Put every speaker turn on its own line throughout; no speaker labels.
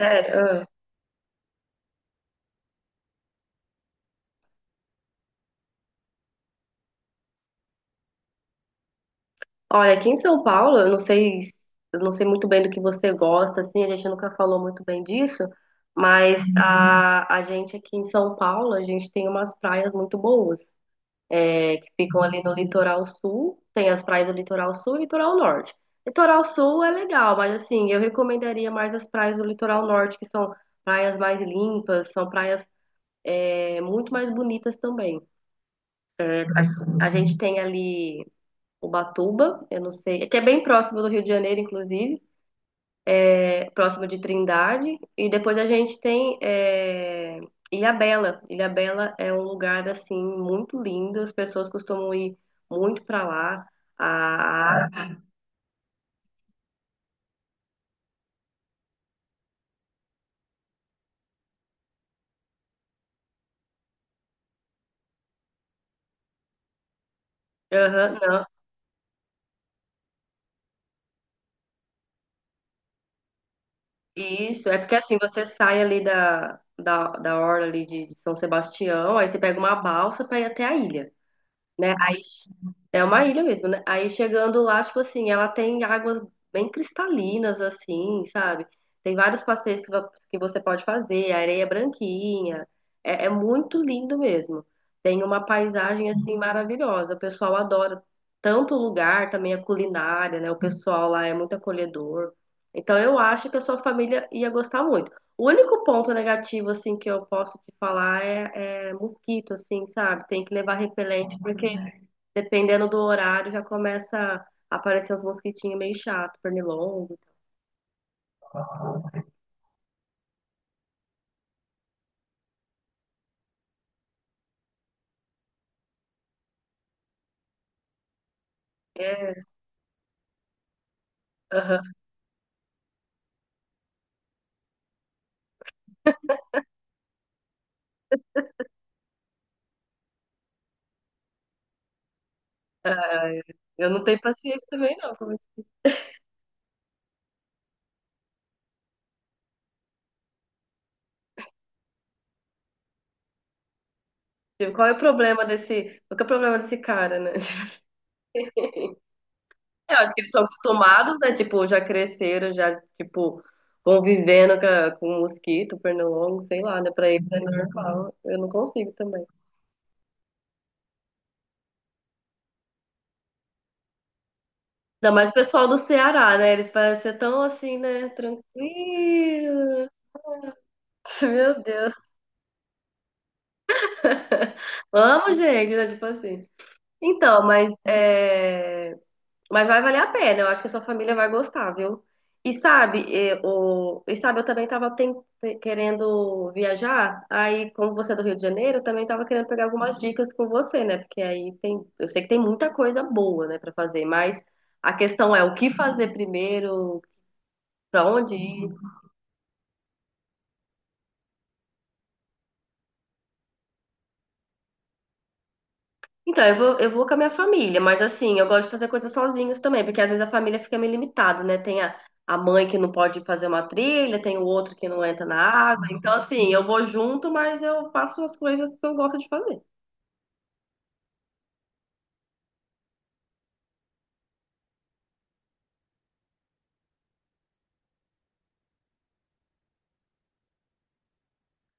Sério, ah. Olha, aqui em São Paulo, eu não sei muito bem do que você gosta, assim, a gente nunca falou muito bem disso, mas Uhum. A gente aqui em São Paulo, a gente tem umas praias muito boas, que ficam ali no litoral sul, tem as praias do litoral sul e litoral norte. Litoral sul é legal, mas assim, eu recomendaria mais as praias do litoral norte, que são praias mais limpas, são praias muito mais bonitas também. A gente tem ali. Ubatuba, eu não sei, é que é bem próximo do Rio de Janeiro, inclusive, é próximo de Trindade, e depois a gente tem é, Ilhabela. Ilhabela é um lugar assim muito lindo, as pessoas costumam ir muito para lá. A, aham, não. Isso, é porque assim, você sai ali da orla ali de São Sebastião, aí você pega uma balsa para ir até a ilha, né? É uma ilha mesmo, né? Aí chegando lá, tipo assim, ela tem águas bem cristalinas, assim, sabe? Tem vários passeios que você pode fazer, a areia é branquinha. É muito lindo mesmo. Tem uma paisagem assim maravilhosa. O pessoal adora tanto o lugar, também a culinária, né? O pessoal lá é muito acolhedor. Então eu acho que a sua família ia gostar muito. O único ponto negativo assim que eu posso te falar é mosquito, assim, sabe? Tem que levar repelente, porque dependendo do horário já começa a aparecer uns mosquitinhos meio chato, pernilongo. É, aham. Ah, eu não tenho paciência também, não. Como é que- Tipo, qual é o problema qual que é o problema desse cara, né? Eu acho que eles são acostumados, né? Tipo, já cresceram, já, tipo, com mosquito, pernilongo, sei lá, né? Pra eles é normal. Eu não consigo também. Ainda mais o pessoal do Ceará, né? Eles parecem ser tão assim, né? Tranquilo. Meu Deus. Amo, gente, né? Tipo assim. Então, mas vai valer a pena. Eu acho que a sua família vai gostar, viu? Eu também querendo viajar. Aí, como você é do Rio de Janeiro, eu também tava querendo pegar algumas dicas com você, né? Porque aí tem. Eu sei que tem muita coisa boa, né, pra fazer, mas a questão é o que fazer primeiro, pra onde ir. Então, eu vou com a minha família, mas assim, eu gosto de fazer coisas sozinhos também, porque às vezes a família fica meio limitada, né? Tem a mãe que não pode fazer uma trilha, tem o outro que não entra na água. Então, assim, eu vou junto, mas eu faço as coisas que eu gosto de fazer.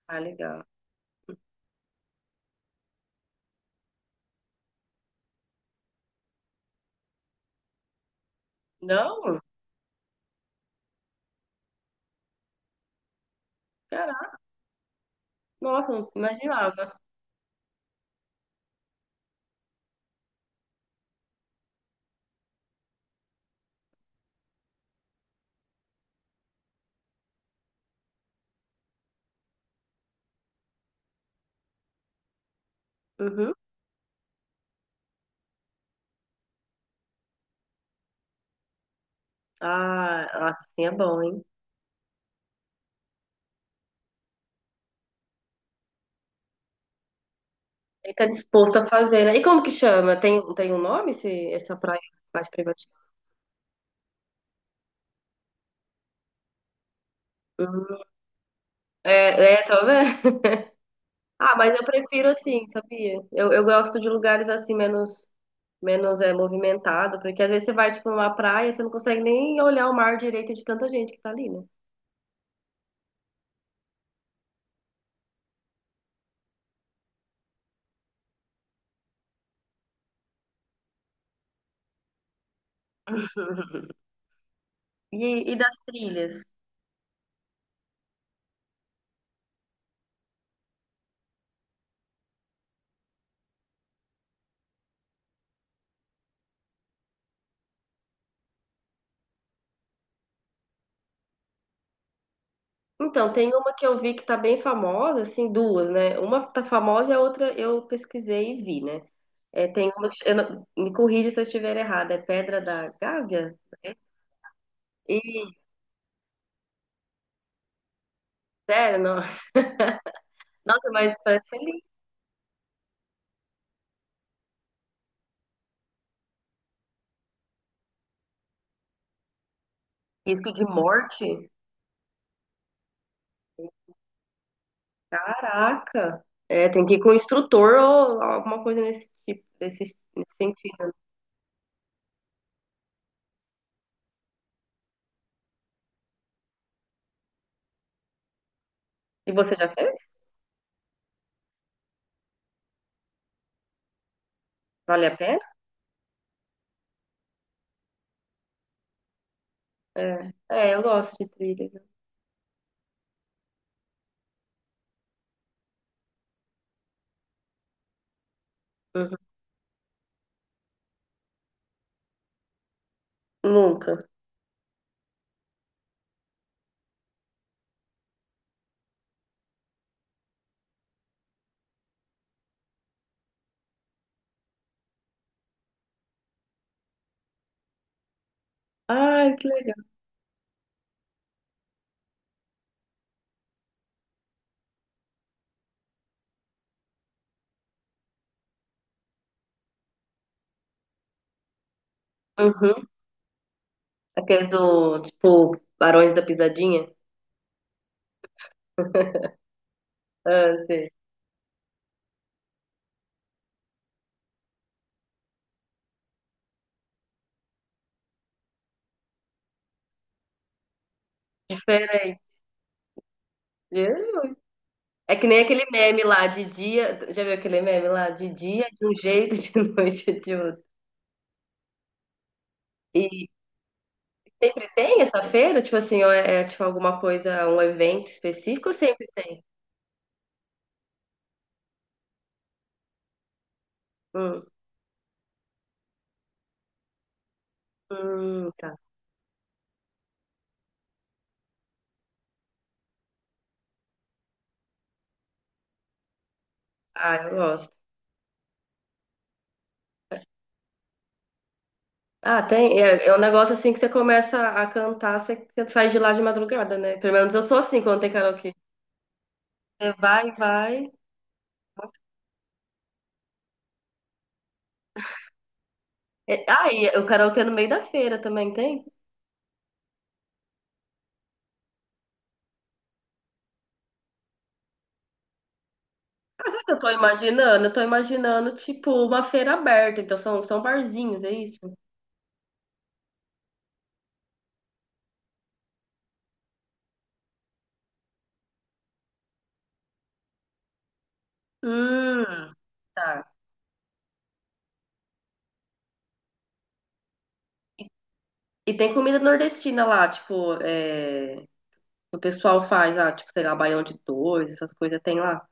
Ah, legal. Não? Caraca, nossa, não imaginava. Uhum. Ah, nossa, assim é bom, hein? Ele tá disposto a fazer, né? E como que chama? Tem um nome, essa praia mais privativa? Uhum. É, é, talvez. Ah, mas eu prefiro assim, sabia? Eu gosto de lugares assim menos movimentado, porque às vezes você vai tipo numa praia, você não consegue nem olhar o mar direito de tanta gente que tá ali, né? E, e das trilhas? Então, tem uma que eu vi que tá bem famosa, assim, duas, né? Uma tá famosa e a outra eu pesquisei e vi, né? É, tem uma que eu não- me corrija se eu estiver errada, é Pedra da Gávea? E, sério, não. Nossa, mas parece ser lindo. Risco de morte? Caraca! É, tem que ir com o instrutor ou alguma coisa nesse nesse sentido, né? E você já fez? Vale a pena? É, é eu gosto de trilha. Uhum. Nunca. Ai, que legal. Uhum. Aqueles do, tipo, Barões da Pisadinha. Ah, sei. Diferente. Hum. É que nem aquele meme lá de dia. Já viu aquele meme lá? De dia de um jeito, de noite de outro. E sempre tem essa feira? Tipo assim, ou tipo alguma coisa, um evento específico, ou sempre tem? Hum. Tá. Ah, eu gosto. Ah, tem. É, é um negócio assim que você começa a cantar, você sai de lá de madrugada, né? Pelo menos eu sou assim quando tem karaokê. Você vai, vai. É, ah, e o karaokê é no meio da feira também tem? Ah, sabe o que eu tô imaginando? Eu tô imaginando, tipo, uma feira aberta. Então são, são barzinhos, é isso? Hum, tá. E tem comida nordestina lá, o pessoal faz, ah, tipo, sei lá, baião de dois, essas coisas tem lá.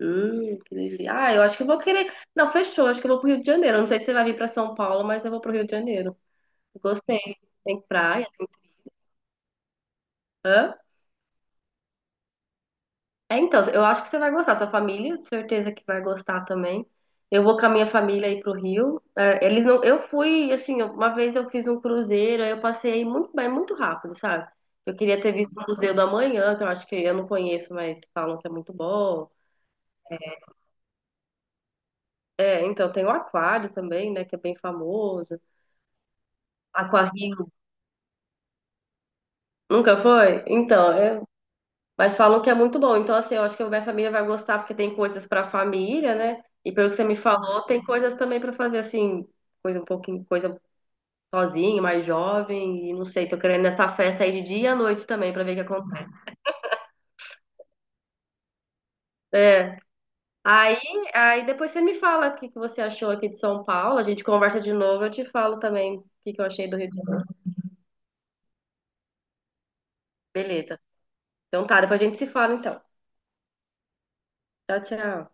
Que delícia. Ah, eu acho que eu vou querer. Não, fechou. Acho que eu vou pro Rio de Janeiro. Não sei se você vai vir pra São Paulo, mas eu vou pro Rio de Janeiro. Gostei. Tem praia, tem. Hã? É, então, eu acho que você vai gostar. Sua família, certeza que vai gostar também. Eu vou com a minha família aí pro Rio. É, eles não. Eu fui, assim, uma vez eu fiz um cruzeiro, aí eu passei muito bem, muito rápido, sabe? Eu queria ter visto o Museu do Amanhã, que eu acho que eu não conheço, mas falam que é muito bom. É, então tem o Aquário também, né, que é bem famoso. Aquário. Nunca foi? Então, é- mas falou que é muito bom. Então, assim, eu acho que a minha família vai gostar porque tem coisas para a família, né? E pelo que você me falou, tem coisas também para fazer assim, coisa um pouquinho, coisa sozinho, mais jovem, e não sei, tô querendo nessa festa aí de dia e à noite também para ver o que acontece. É. Aí, aí depois você me fala o que que você achou aqui de São Paulo, a gente conversa de novo, eu te falo também o que que eu achei do Rio de Janeiro. Beleza. Então tá, depois a gente se fala então. Tchau, tchau.